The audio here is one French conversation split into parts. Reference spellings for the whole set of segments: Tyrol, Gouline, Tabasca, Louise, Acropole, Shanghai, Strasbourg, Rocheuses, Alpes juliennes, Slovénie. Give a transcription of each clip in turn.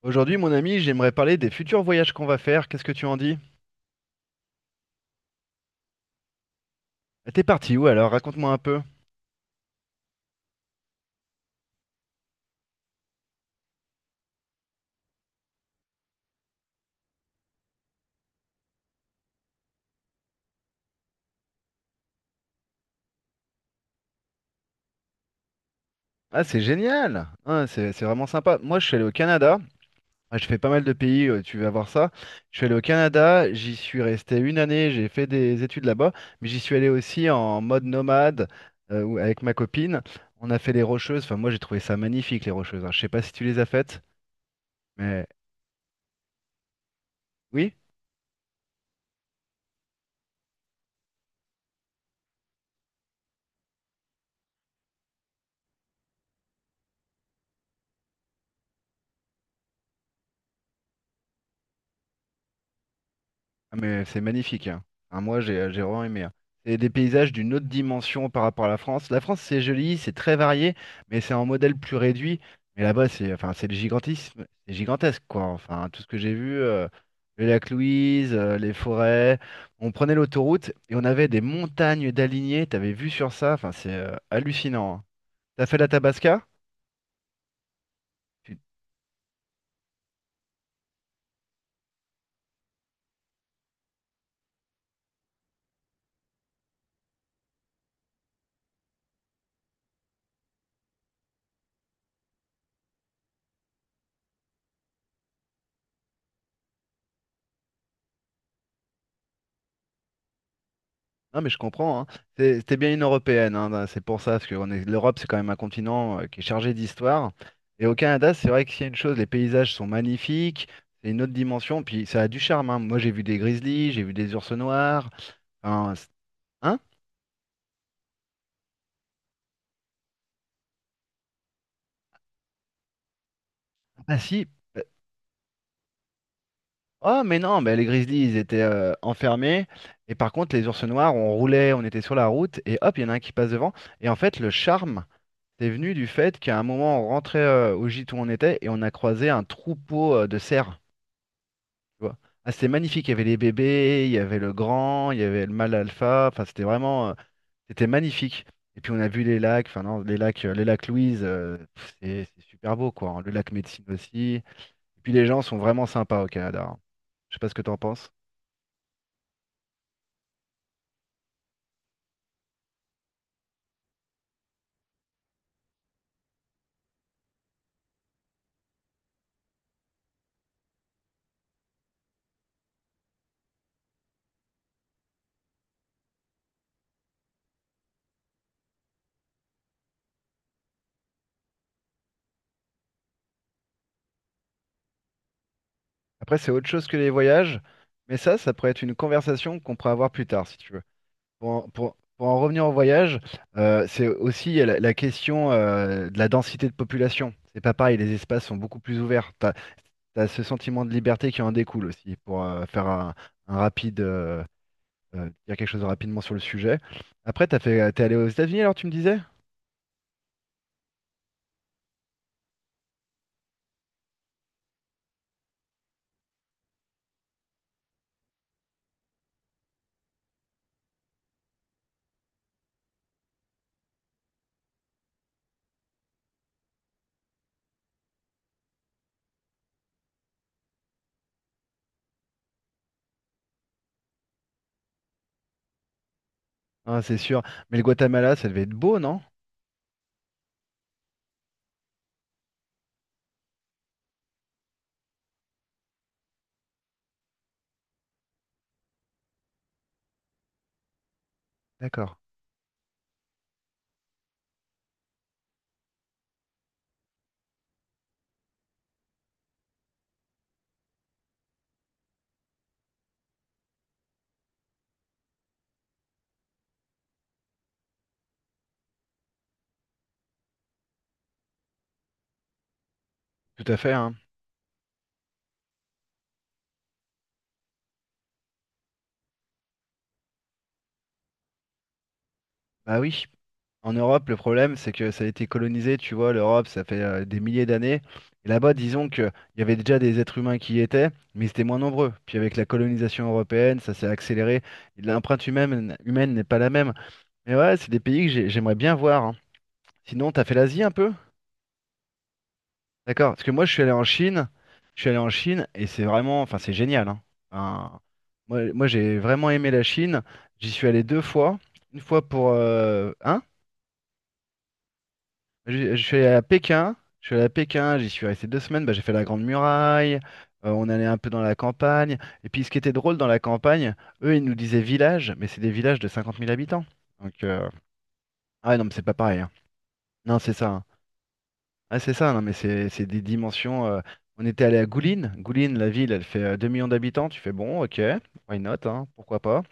Aujourd'hui, mon ami, j'aimerais parler des futurs voyages qu'on va faire. Qu'est-ce que tu en dis? Ah, t'es parti où alors? Raconte-moi un peu. Ah, c'est génial! Ah, c'est vraiment sympa. Moi, je suis allé au Canada. Ah, je fais pas mal de pays, tu vas voir ça. Je suis allé au Canada, j'y suis resté une année, j'ai fait des études là-bas, mais j'y suis allé aussi en mode nomade avec ma copine. On a fait les Rocheuses. Enfin, moi, j'ai trouvé ça magnifique, les Rocheuses. Hein. Je sais pas si tu les as faites, mais oui. Ah, mais c'est magnifique, hein. Hein, moi, j'ai vraiment aimé. Hein. C'est des paysages d'une autre dimension par rapport à la France. La France, c'est joli, c'est très varié, mais c'est en modèle plus réduit. Mais là-bas, c'est enfin, c'est le gigantisme, c'est gigantesque, quoi. Enfin, tout ce que j'ai vu, le lac Louise, les forêts. On prenait l'autoroute et on avait des montagnes d'alignés. T'avais vu sur ça, enfin, c'est hallucinant. Hein. T'as fait la Tabasca? Non, mais je comprends. Hein. C'était bien une européenne. Hein. Bah, c'est pour ça, parce que l'Europe, c'est quand même un continent qui est chargé d'histoire. Et au Canada, c'est vrai que s'il y a une chose, les paysages sont magnifiques. C'est une autre dimension. Puis ça a du charme. Hein. Moi, j'ai vu des grizzlies, j'ai vu des ours noirs. Enfin, hein? Ah si. Oh, mais non, mais les grizzlies, ils étaient enfermés. Et par contre, les ours noirs, on roulait, on était sur la route, et hop, il y en a un qui passe devant. Et en fait, le charme, c'est venu du fait qu'à un moment, on rentrait au gîte où on était, et on a croisé un troupeau de cerfs. Tu vois. Ah, c'était magnifique, il y avait les bébés, il y avait le grand, il y avait le mâle alpha, enfin c'était vraiment, c'était magnifique. Et puis on a vu les lacs, enfin non, les lacs Louise, c'est super beau quoi, hein. Le lac Médecine aussi. Et puis les gens sont vraiment sympas au Canada. Hein. Je sais pas ce que t'en penses. Après c'est autre chose que les voyages, mais ça pourrait être une conversation qu'on pourrait avoir plus tard si tu veux. Pour en revenir au voyage, c'est aussi il y a la question de la densité de population. C'est pas pareil, les espaces sont beaucoup plus ouverts. T'as, as ce sentiment de liberté qui en découle aussi, pour faire un, un rapide, euh, dire quelque chose rapidement sur le sujet. Après, t'es allé aux États-Unis alors, tu me disais? Hein, c'est sûr. Mais le Guatemala, ça devait être beau, non? D'accord. Tout à fait, hein. Bah oui. En Europe, le problème, c'est que ça a été colonisé, tu vois, l'Europe, ça fait des milliers d'années. Et là-bas, disons qu'il y avait déjà des êtres humains qui y étaient, mais ils étaient moins nombreux. Puis avec la colonisation européenne, ça s'est accéléré. L'empreinte humaine n'est pas la même. Mais ouais, c'est des pays que j'aimerais bien voir. Hein. Sinon, t'as fait l'Asie un peu? D'accord. Parce que moi, je suis allé en Chine. Je suis allé en Chine et c'est vraiment, enfin, c'est génial. Hein. Enfin, moi, j'ai vraiment aimé la Chine. J'y suis allé deux fois. Une fois pour... hein. Je, je suis allé à Pékin, je suis allé à Pékin, j'y suis resté 2 semaines, bah, j'ai fait la Grande Muraille, on allait un peu dans la campagne. Et puis ce qui était drôle dans la campagne, eux ils nous disaient village, mais c'est des villages de 50 000 habitants. Donc, ah ouais, non, mais c'est pas pareil. Hein. Non, c'est ça. Hein. Ah, c'est ça, non, mais c'est des dimensions. On était allé à Gouline, la ville, elle fait 2 millions d'habitants, tu fais bon, ok, why not, hein, pourquoi pas.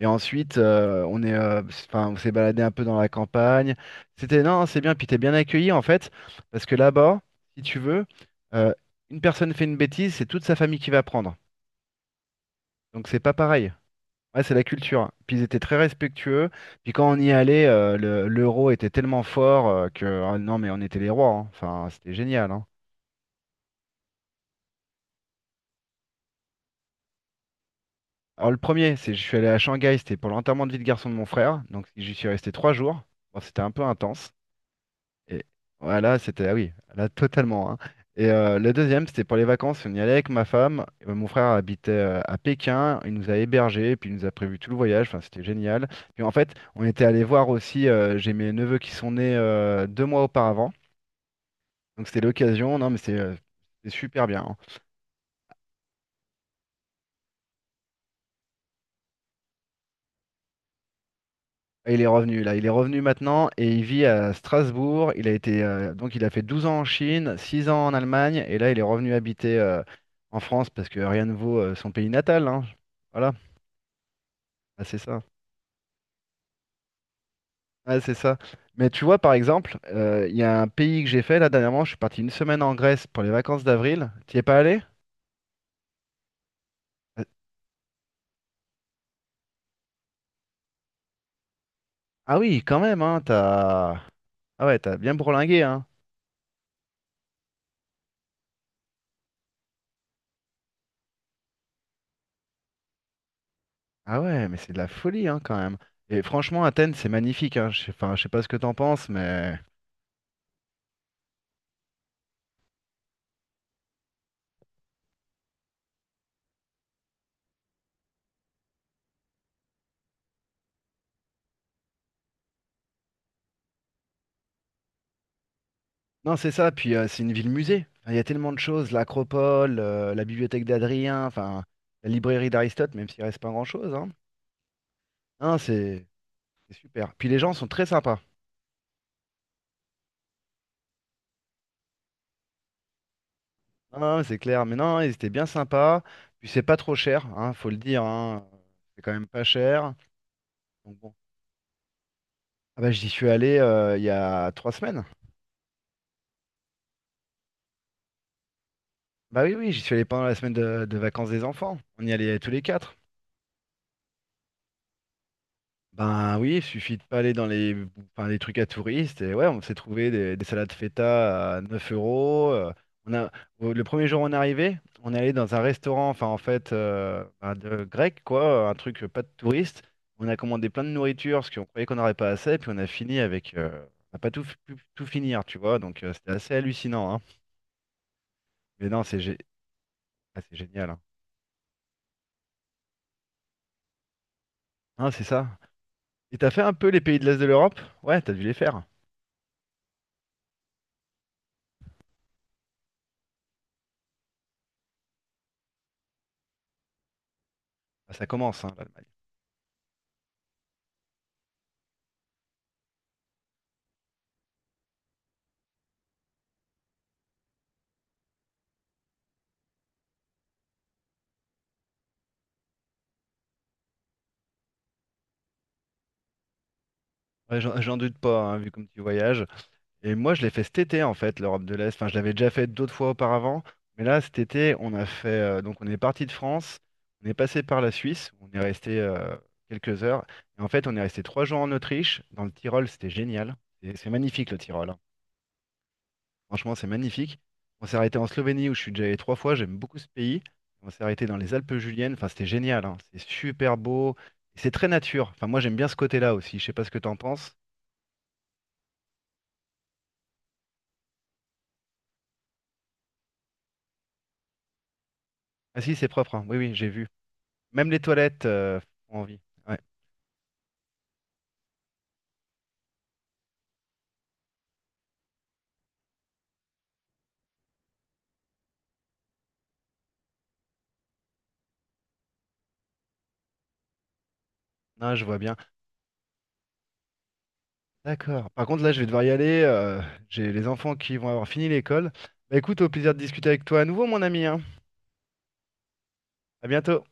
Et ensuite, enfin, on s'est baladé un peu dans la campagne. C'était, non, c'est bien, puis t'es bien accueilli en fait, parce que là-bas, si tu veux, euh, une personne fait une bêtise, c'est toute sa famille qui va prendre. Donc c'est pas pareil. Ouais, c'est la culture. Hein. Puis ils étaient très respectueux. Puis quand on y allait, l'euro était tellement fort que, ah non, mais on était les rois. Hein. Enfin, c'était génial. Hein. Alors le premier, c'est je suis allé à Shanghai, c'était pour l'enterrement de vie de garçon de mon frère. Donc j'y suis resté 3 jours. Bon, c'était un peu intense. Et voilà, c'était, ah oui, là, totalement. Hein. Le deuxième, c'était pour les vacances. On y allait avec ma femme. Mon frère habitait à Pékin. Il nous a hébergés, puis il nous a prévu tout le voyage. Enfin, c'était génial. Puis en fait, on était allé voir aussi. J'ai mes neveux qui sont nés 2 mois auparavant. Donc c'était l'occasion. Non, mais c'est super bien. Hein. Ah, il est revenu là, il est revenu maintenant et il vit à Strasbourg. Il a été donc il a fait 12 ans en Chine, 6 ans en Allemagne et là il est revenu habiter en France parce que rien ne vaut son pays natal, hein. Voilà. Ah, c'est ça. Ouais, c'est ça. Mais tu vois par exemple, il y a un pays que j'ai fait là dernièrement, je suis parti une semaine en Grèce pour les vacances d'avril. T'y es pas allé? Euh, Ah oui, quand même, hein, t'as... Ah ouais, t'as bien bourlingué, hein. Ah ouais, mais c'est de la folie, hein, quand même. Et franchement, Athènes, c'est magnifique, hein. Je sais pas ce que t'en penses, mais... Non, c'est ça. Puis c'est une ville musée. Enfin, il y a tellement de choses, l'Acropole, la bibliothèque d'Adrien, enfin la librairie d'Aristote, même s'il reste pas grand-chose. Hein. Non, c'est super. Puis les gens sont très sympas. Non, c'est clair. Mais non, ils étaient bien sympas. Puis c'est pas trop cher, hein, faut le dire. Hein. C'est quand même pas cher. Donc bon. Ah bah j'y suis allé il y a 3 semaines. Bah oui, oui, j'y suis allé pendant la semaine de vacances des enfants. On y allait tous les quatre. Ben oui, il suffit de pas aller dans enfin, les trucs à touristes. Et ouais, on s'est trouvé des salades feta à 9 euros. On a, le premier jour où on est arrivé, on est allé dans un restaurant, enfin en fait, ben, grec, quoi, un truc pas de touriste. On a commandé plein de nourriture parce qu'on croyait qu'on n'aurait pas assez. Puis on a fini avec. On n'a pas pu tout finir, tu vois. Donc c'était assez hallucinant. Hein. Mais non, ah, c'est génial. Hein. Hein, c'est ça. Et t'as fait un peu les pays de l'Est de l'Europe? Ouais, t'as dû les faire. Ah, ça commence, hein, là. Ouais, j'en doute pas, hein, vu comme tu voyages. Et moi, je l'ai fait cet été, en fait, l'Europe de l'Est. Enfin, je l'avais déjà fait d'autres fois auparavant. Mais là, cet été, on a fait. Donc, on est parti de France, on est passé par la Suisse, on est resté quelques heures. Et en fait, on est resté 3 jours en Autriche, dans le Tyrol, c'était génial. Et c'est magnifique, le Tyrol. Hein. Franchement, c'est magnifique. On s'est arrêté en Slovénie, où je suis déjà allé trois fois, j'aime beaucoup ce pays. On s'est arrêté dans les Alpes juliennes, enfin, c'était génial. Hein. C'est super beau. Et c'est très nature. Enfin, moi, j'aime bien ce côté-là aussi. Je sais pas ce que t'en penses. Ah si, c'est propre, hein. Oui, oui, j'ai vu. Même les toilettes font envie. Ouais. Non, je vois bien. D'accord. Par contre, là, je vais devoir y aller. J'ai les enfants qui vont avoir fini l'école. Bah écoute, au plaisir de discuter avec toi à nouveau, mon ami, hein. À bientôt.